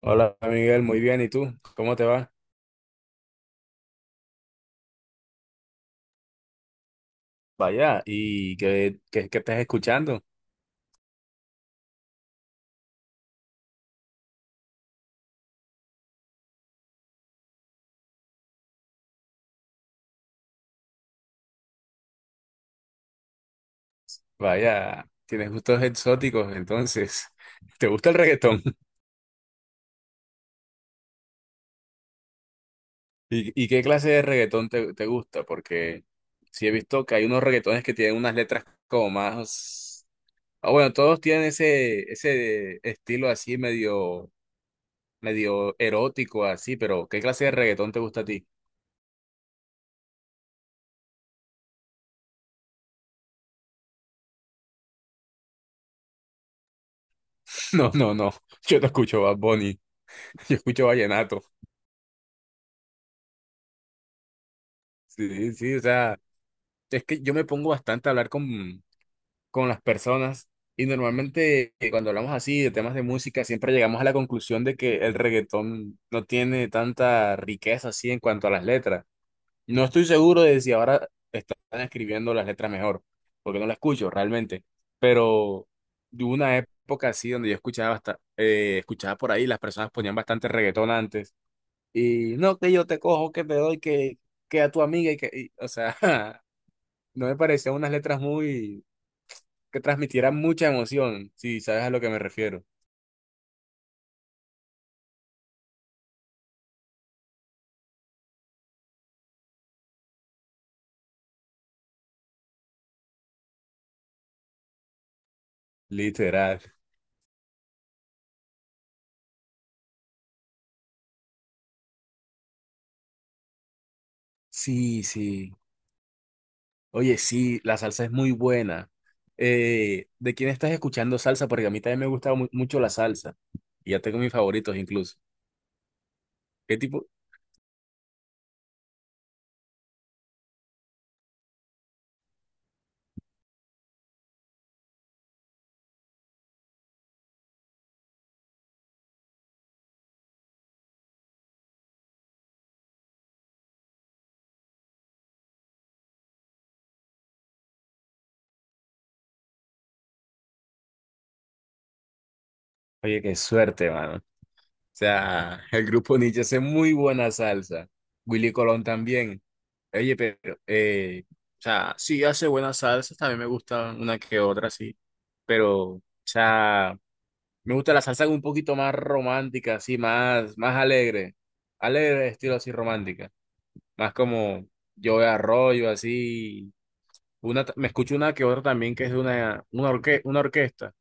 Hola Miguel, muy bien. ¿Y tú? ¿Cómo te va? Vaya, ¿y qué estás escuchando? Vaya, tienes gustos exóticos, entonces. ¿Te gusta el reggaetón? ¿Y qué clase de reggaetón te gusta? Porque sí he visto que hay unos reggaetones que tienen unas letras como más... Ah, bueno, todos tienen ese estilo así medio, medio erótico, así, pero ¿qué clase de reggaetón te gusta a ti? No, no, no. Yo no escucho Bad Bunny, yo escucho vallenato. Sí, sí, o sea... Es que yo me pongo bastante a hablar con las personas y normalmente cuando hablamos así de temas de música siempre llegamos a la conclusión de que el reggaetón no tiene tanta riqueza así en cuanto a las letras. No estoy seguro de si ahora están escribiendo las letras mejor, porque no las escucho realmente, pero hubo una época así donde yo escuchaba, escuchaba por ahí, las personas ponían bastante reggaetón antes y no, que yo te cojo, que te doy, que a tu amiga y que, y, o sea... no me parecían unas letras muy que transmitieran mucha emoción, si sabes a lo que me refiero. Literal. Sí, sí. Oye, sí, la salsa es muy buena. ¿De quién estás escuchando salsa? Porque a mí también me gusta mucho la salsa. Y ya tengo mis favoritos incluso. ¿Qué tipo? Oye, qué suerte, mano. O sea, el grupo Nietzsche hace muy buena salsa. Willy Colón también. Oye, pero, o sea, sí hace buenas salsas, también me gustan una que otra, sí. Pero, o sea, me gusta la salsa un poquito más romántica, así, más, más alegre. Alegre, estilo así romántica. Más como yo de arroyo, así. Me escucho una que otra también que es de una orquesta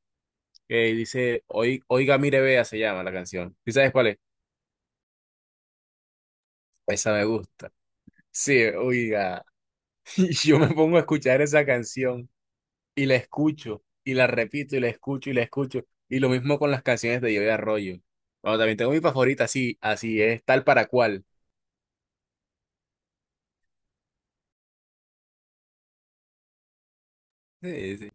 que dice, Oiga, mire, vea", se llama la canción. ¿Y sabes cuál es? Esa me gusta. Sí, oiga. Y yo me pongo a escuchar esa canción y la escucho y la repito y la escucho y la escucho. Y lo mismo con las canciones de yo de arroyo. Bueno, también tengo mi favorita, así, así es tal para cual. Sí, sí.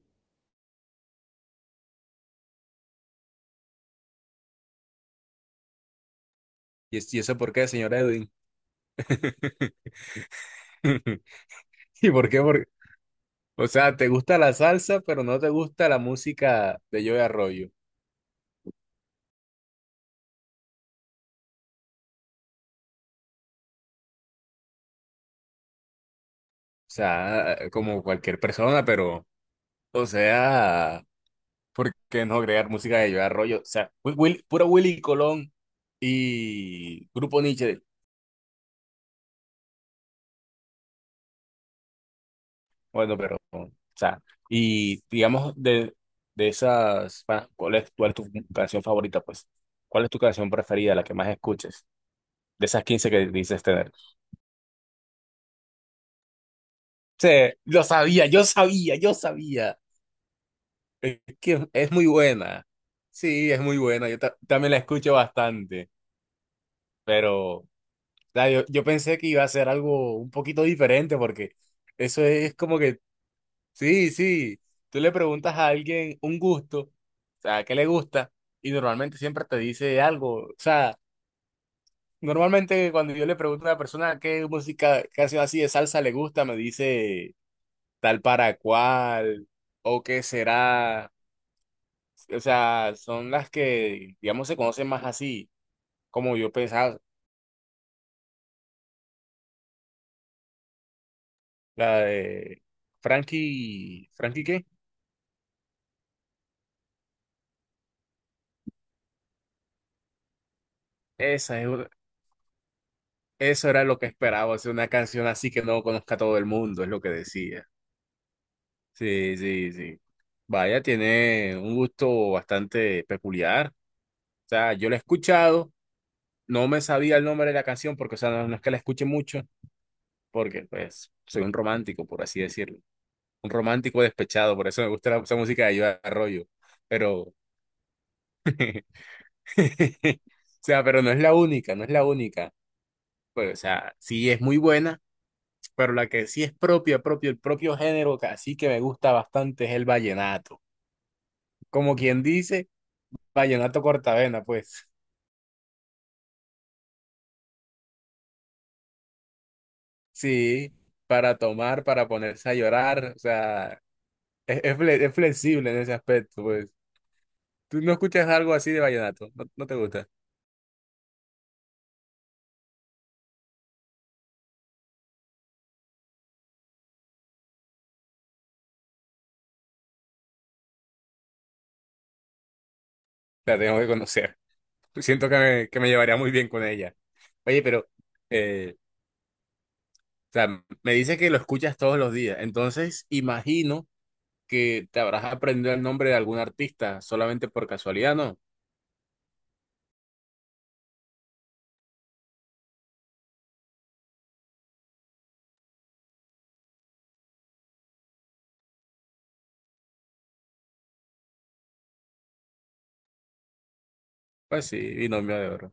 Y eso por qué, señor Edwin? ¿Y por qué? O sea, te gusta la salsa, pero no te gusta la música de Joe Arroyo. O sea, como cualquier persona, pero, o sea, ¿por qué no crear música de Joe Arroyo? O sea, puro Willy Colón y Grupo Nietzsche. Bueno, pero, o sea, y digamos de, esas, ¿cuál es tu canción favorita, pues? ¿Cuál es tu canción preferida, la que más escuches? De esas 15 que dices tener. Sí, lo sabía, yo sabía, yo sabía. Es que es muy buena. Sí, es muy buena. Yo también la escucho bastante, pero o sea, yo pensé que iba a ser algo un poquito diferente porque eso es como que, sí, sí, tú le preguntas a alguien un gusto, o sea, ¿qué le gusta? Y normalmente siempre te dice algo. O sea, normalmente cuando yo le pregunto a una persona qué música, canción así de salsa le gusta, me dice... tal para cual, o qué será. O sea, son las que, digamos, se conocen más así, como yo pensaba, la de Frankie, ¿Frankie qué? Esa es una- eso era lo que esperaba, hacer una canción así que no conozca a todo el mundo, es lo que decía. Sí, sí, sí. Vaya, tiene un gusto bastante peculiar. O sea, yo la he escuchado, no me sabía el nombre de la canción porque, o sea, no, no es que la escuche mucho, porque, pues, soy un romántico, por así decirlo. Un romántico despechado, por eso me gusta esa música de Joe Arroyo. Pero, o sea, pero no es la única, no es la única. Pues, o sea, sí es muy buena, pero la que sí es propia, propio, el propio género que así que me gusta bastante es el vallenato. Como quien dice, vallenato cortavena, pues. Sí, para tomar, para ponerse a llorar, o sea, es flexible en ese aspecto, pues. ¿Tú no escuchas algo así de vallenato? ¿No, no te gusta? La tengo que conocer. Siento que que me llevaría muy bien con ella. Oye, pero, eh, o sea, me dice que lo escuchas todos los días. Entonces, imagino que te habrás aprendido el nombre de algún artista solamente por casualidad, ¿no? Pues sí, Binomio de Oro.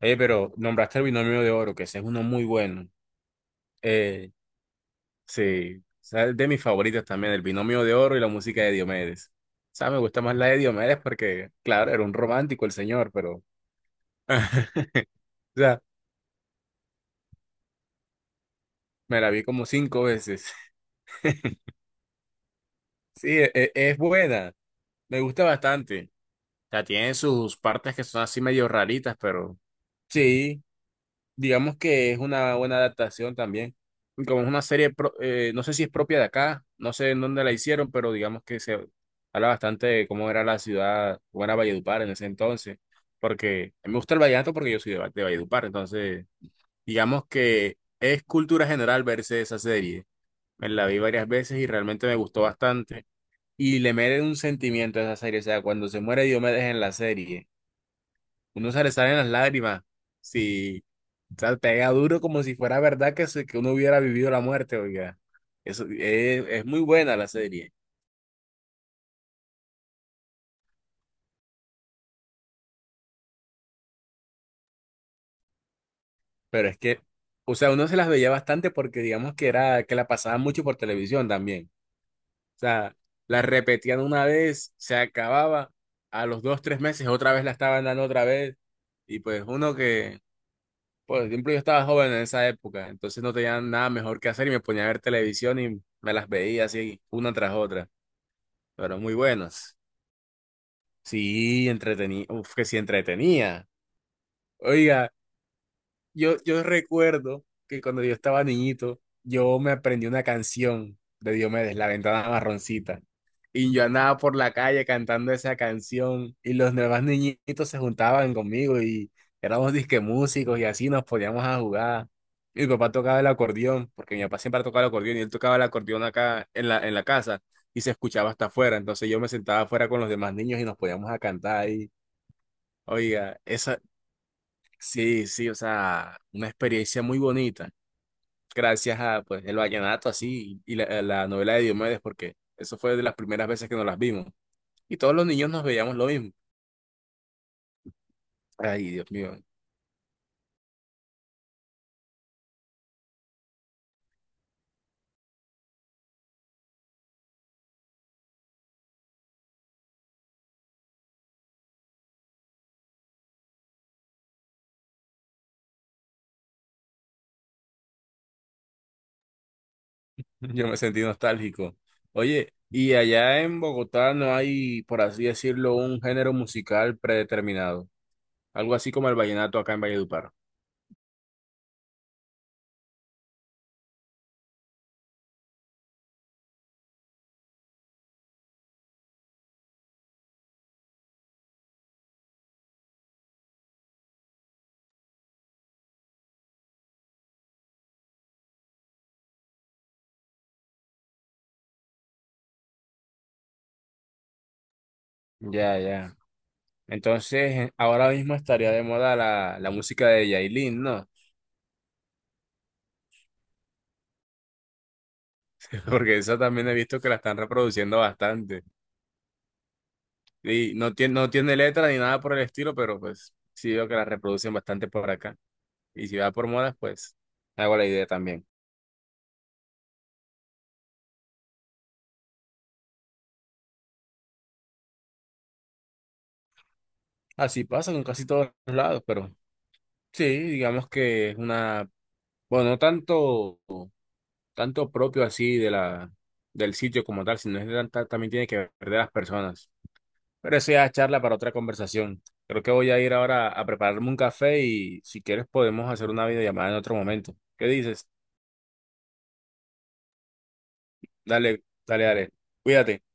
Oye, pero nombraste el Binomio de Oro, que ese es uno muy bueno. Eh, sí, o sea, es de mis favoritas también, el Binomio de Oro y la música de Diomedes. O sea, me gusta más la de Diomedes porque, claro, era un romántico el señor, pero... O sea, me la vi como 5 veces. Sí, es, buena. Me gusta bastante. O sea, tiene sus partes que son así medio raritas, pero sí, digamos que es una buena adaptación también. Y como es una serie, no sé si es propia de acá, no sé en dónde la hicieron, pero digamos que se habla bastante de cómo era la ciudad, cómo era Valledupar en ese entonces. Porque a mí me gusta el vallenato porque yo soy de, de Valledupar, entonces digamos que es cultura general verse esa serie. Me la vi varias veces y realmente me gustó bastante. Y le merece un sentimiento a esa serie. O sea, cuando se muere Diomedes en la serie, uno se le salen las lágrimas. Sí, o sea, pega duro como si fuera verdad que, que uno hubiera vivido la muerte, oiga. Eso es muy buena la serie. Pero es que, o sea, uno se las veía bastante porque digamos que era, que la pasaban mucho por televisión también. O sea, la repetían una vez, se acababa, a los dos, tres meses otra vez la estaban dando otra vez. Y pues uno que por ejemplo, yo estaba joven en esa época, entonces no tenía nada mejor que hacer y me ponía a ver televisión y me las veía así una tras otra, pero muy buenas. Sí, entretenía, uf, que sí entretenía. Oiga, yo recuerdo que cuando yo estaba niñito, yo me aprendí una canción de Diomedes, La Ventana Marroncita. Y yo andaba por la calle cantando esa canción y los demás niñitos se juntaban conmigo y éramos disque músicos y así nos poníamos a jugar. Mi papá tocaba el acordeón, porque mi papá siempre tocaba el acordeón y él tocaba el acordeón acá en en la casa y se escuchaba hasta afuera. Entonces yo me sentaba afuera con los demás niños y nos poníamos a cantar ahí. Oiga, eso, sí, sí, o sea, una experiencia muy bonita, gracias a pues el vallenato así y la novela de Diomedes, porque eso fue de las primeras veces que nos las vimos. Y todos los niños nos veíamos lo mismo. Ay, Dios mío, yo me sentí nostálgico. Oye, ¿y allá en Bogotá no hay, por así decirlo, un género musical predeterminado? Algo así como el vallenato acá en Valledupar. Ya, ya. Entonces, ahora mismo estaría de moda la música de Yailin, ¿no? Porque esa también he visto que la están reproduciendo bastante. Y no tiene, no tiene letra ni nada por el estilo, pero pues sí veo que la reproducen bastante por acá. Y si va por modas, pues hago la idea también. Así pasa con casi todos lados, pero sí, digamos que es una, bueno, no tanto, tanto propio así de la, del sitio como tal, sino es de tanta- también tiene que ver de las personas. Pero eso ya es charla para otra conversación. Creo que voy a ir ahora a prepararme un café y si quieres podemos hacer una videollamada en otro momento. ¿Qué dices? Dale, dale, dale. Cuídate.